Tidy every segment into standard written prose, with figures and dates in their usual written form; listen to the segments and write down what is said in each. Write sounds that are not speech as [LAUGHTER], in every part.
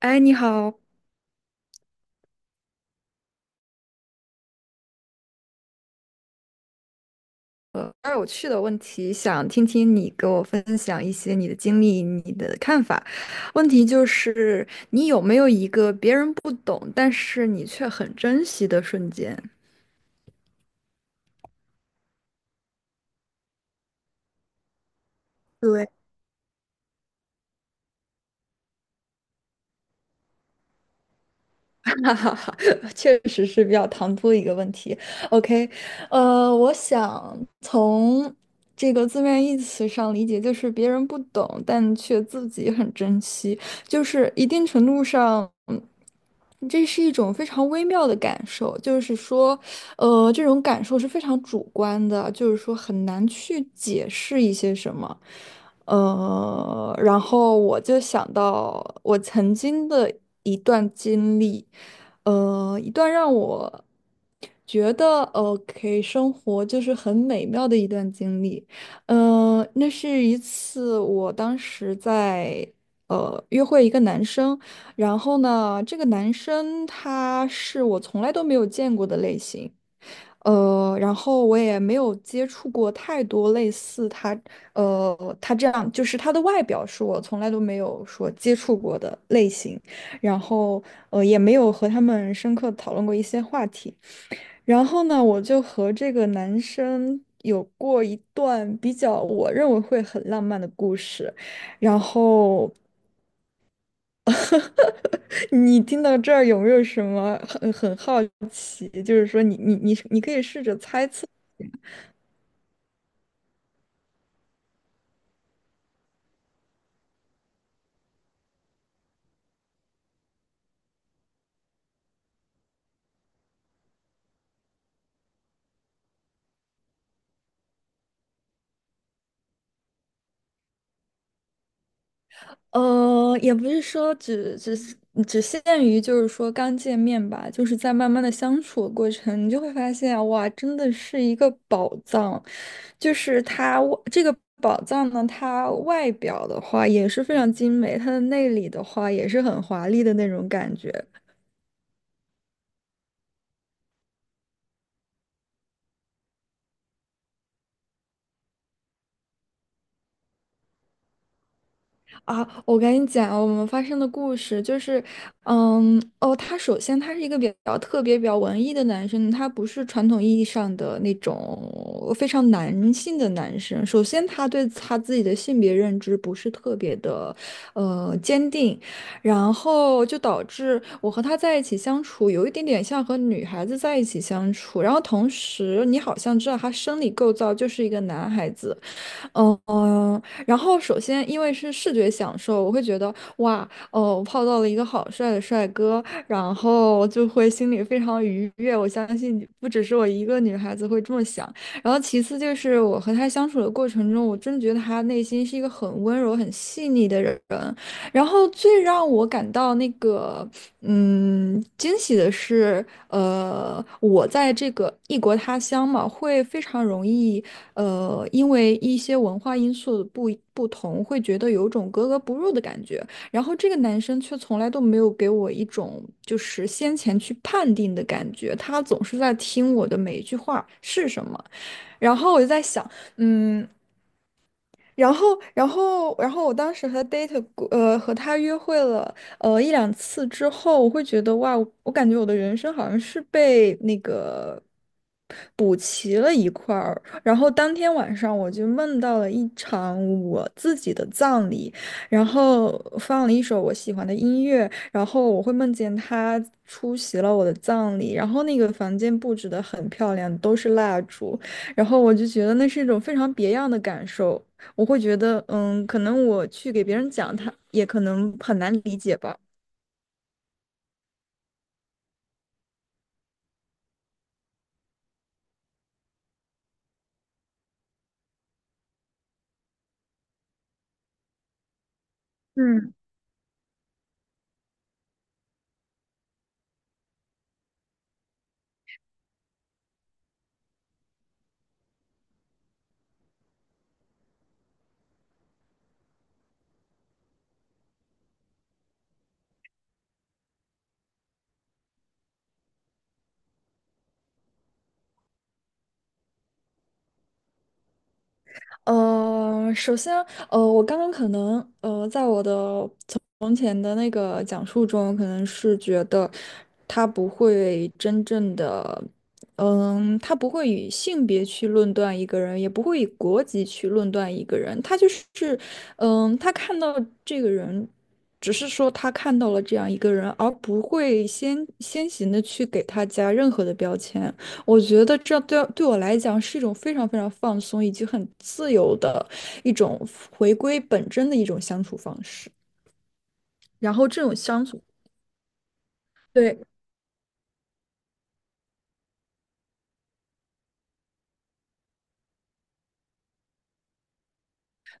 哎，你好，比较有趣的问题，想听听你给我分享一些你的经历、你的看法。问题就是，你有没有一个别人不懂，但是你却很珍惜的瞬间？对。[LAUGHS] 哈哈哈，[LAUGHS] 确实是比较唐突的一个问题。OK，我想从这个字面意思上理解，就是别人不懂，但却自己很珍惜，就是一定程度上，这是一种非常微妙的感受。就是说，这种感受是非常主观的，就是说很难去解释一些什么。然后我就想到我曾经的一段经历，一段让我觉得 OK 生活就是很美妙的一段经历。嗯，那是一次我当时在约会一个男生，然后呢，这个男生他是我从来都没有见过的类型。然后我也没有接触过太多类似他这样就是他的外表是我从来都没有说接触过的类型，然后也没有和他们深刻地讨论过一些话题。然后呢，我就和这个男生有过一段比较我认为会很浪漫的故事。然后 [LAUGHS] 你听到这儿有没有什么很好奇？就是说你可以试着猜测。也不是说只是只限于就是说刚见面吧，就是在慢慢的相处的过程，你就会发现啊哇，真的是一个宝藏。就是这个宝藏呢，它外表的话也是非常精美，它的内里的话也是很华丽的那种感觉。啊，我跟你讲，我们发生的故事就是，嗯，哦，他首先是一个比较特别、比较文艺的男生，他不是传统意义上的那种非常男性的男生。首先，他对他自己的性别认知不是特别的，坚定，然后就导致我和他在一起相处有一点点像和女孩子在一起相处。然后同时，你好像知道他生理构造就是一个男孩子。然后首先因为是视觉享受，我会觉得哇，哦，我泡到了一个好帅的帅哥，然后就会心里非常愉悦。我相信不只是我一个女孩子会这么想。然后其次就是我和他相处的过程中，我真的觉得他内心是一个很温柔、很细腻的人。然后最让我感到那个惊喜的是，我在这个异国他乡嘛，会非常容易。因为一些文化因素不同，会觉得有种格格不入的感觉。然后这个男生却从来都没有给我一种就是先前去判定的感觉，他总是在听我的每一句话是什么。然后我就在想，嗯，然后，然后我当时和 date 过呃和他约会了一两次之后，我会觉得哇，我感觉我的人生好像是被那个。然后当天晚上我就梦到了一场我自己的葬礼，然后放了一首我喜欢的音乐，然后我会梦见他出席了我的葬礼，然后那个房间布置的很漂亮，都是蜡烛，然后我就觉得那是一种非常别样的感受，我会觉得，嗯，可能我去给别人讲，他也可能很难理解吧。首先，我刚刚可能，在我的从前的那个讲述中，可能是觉得他不会真正的，他不会以性别去论断一个人，也不会以国籍去论断一个人，他就是，他看到这个人，只是说他看到了这样一个人，而不会先行的去给他加任何的标签。我觉得这对我来讲是一种非常非常放松以及很自由的一种回归本真的一种相处方式。然后这种相处，对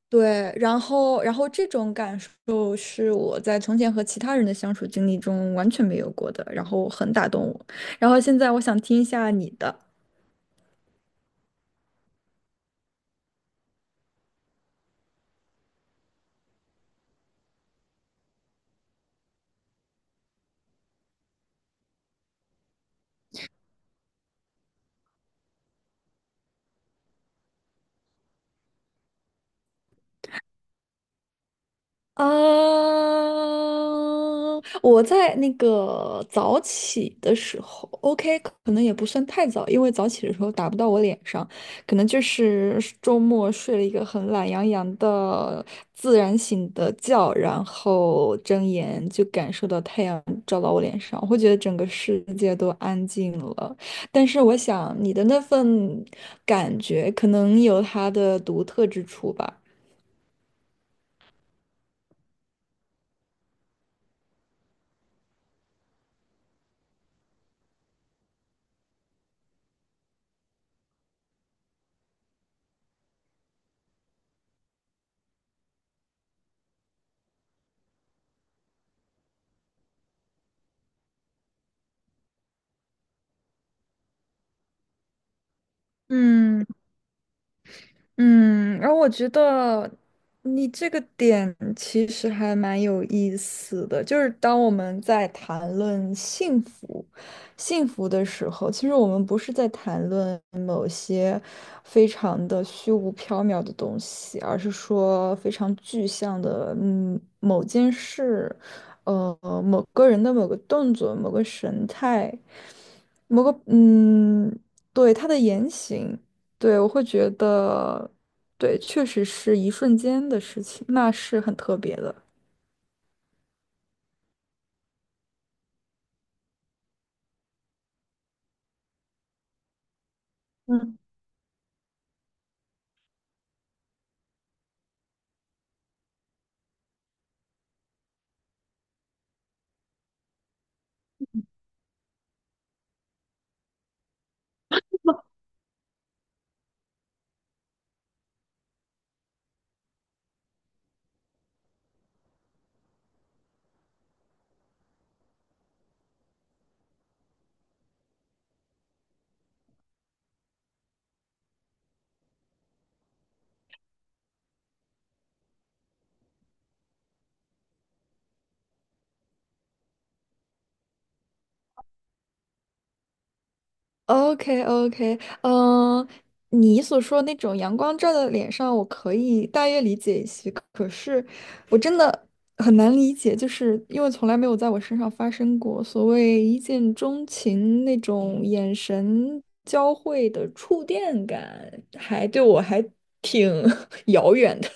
对，然后这种感受是我在从前和其他人的相处经历中完全没有过的，然后很打动我。然后现在我想听一下你的。啊，我在那个早起的时候，OK，可能也不算太早，因为早起的时候打不到我脸上，可能就是周末睡了一个很懒洋洋的自然醒的觉，然后睁眼就感受到太阳照到我脸上，我会觉得整个世界都安静了。但是我想你的那份感觉可能有它的独特之处吧。嗯。嗯，然后我觉得你这个点其实还蛮有意思的，就是当我们在谈论幸福、幸福的时候，其实我们不是在谈论某些非常的虚无缥缈的东西，而是说非常具象的，某件事，呃，某个人的某个动作、某个神态、某个，嗯，对，他的言行。对，我会觉得，对，确实是一瞬间的事情，那是很特别的。嗯，o k o k。 嗯，你所说那种阳光照在脸上，我可以大约理解一些，可是我真的很难理解，就是因为从来没有在我身上发生过所谓一见钟情那种眼神交汇的触电感，对我还挺 [LAUGHS] 遥远的。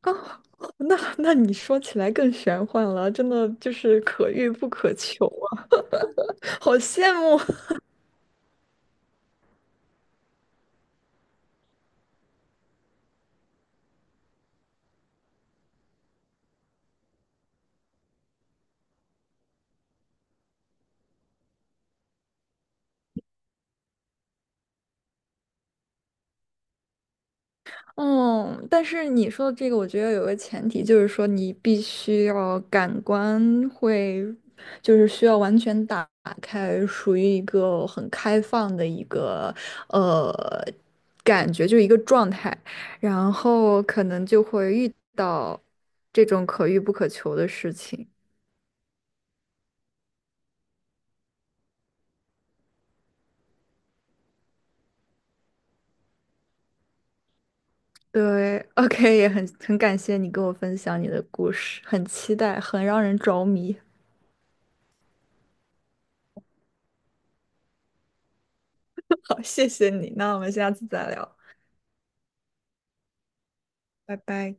啊，[LAUGHS] 那你说起来更玄幻了，真的就是可遇不可求啊，[LAUGHS] 好羡慕。[LAUGHS] 嗯，但是你说的这个，我觉得有个前提，就是说你必须要感官会，就是需要完全打开，属于一个很开放的一个呃感觉，就是一个状态，然后可能就会遇到这种可遇不可求的事情。对，OK，也很感谢你跟我分享你的故事，很期待，很让人着迷。好，谢谢你，那我们下次再聊，拜拜。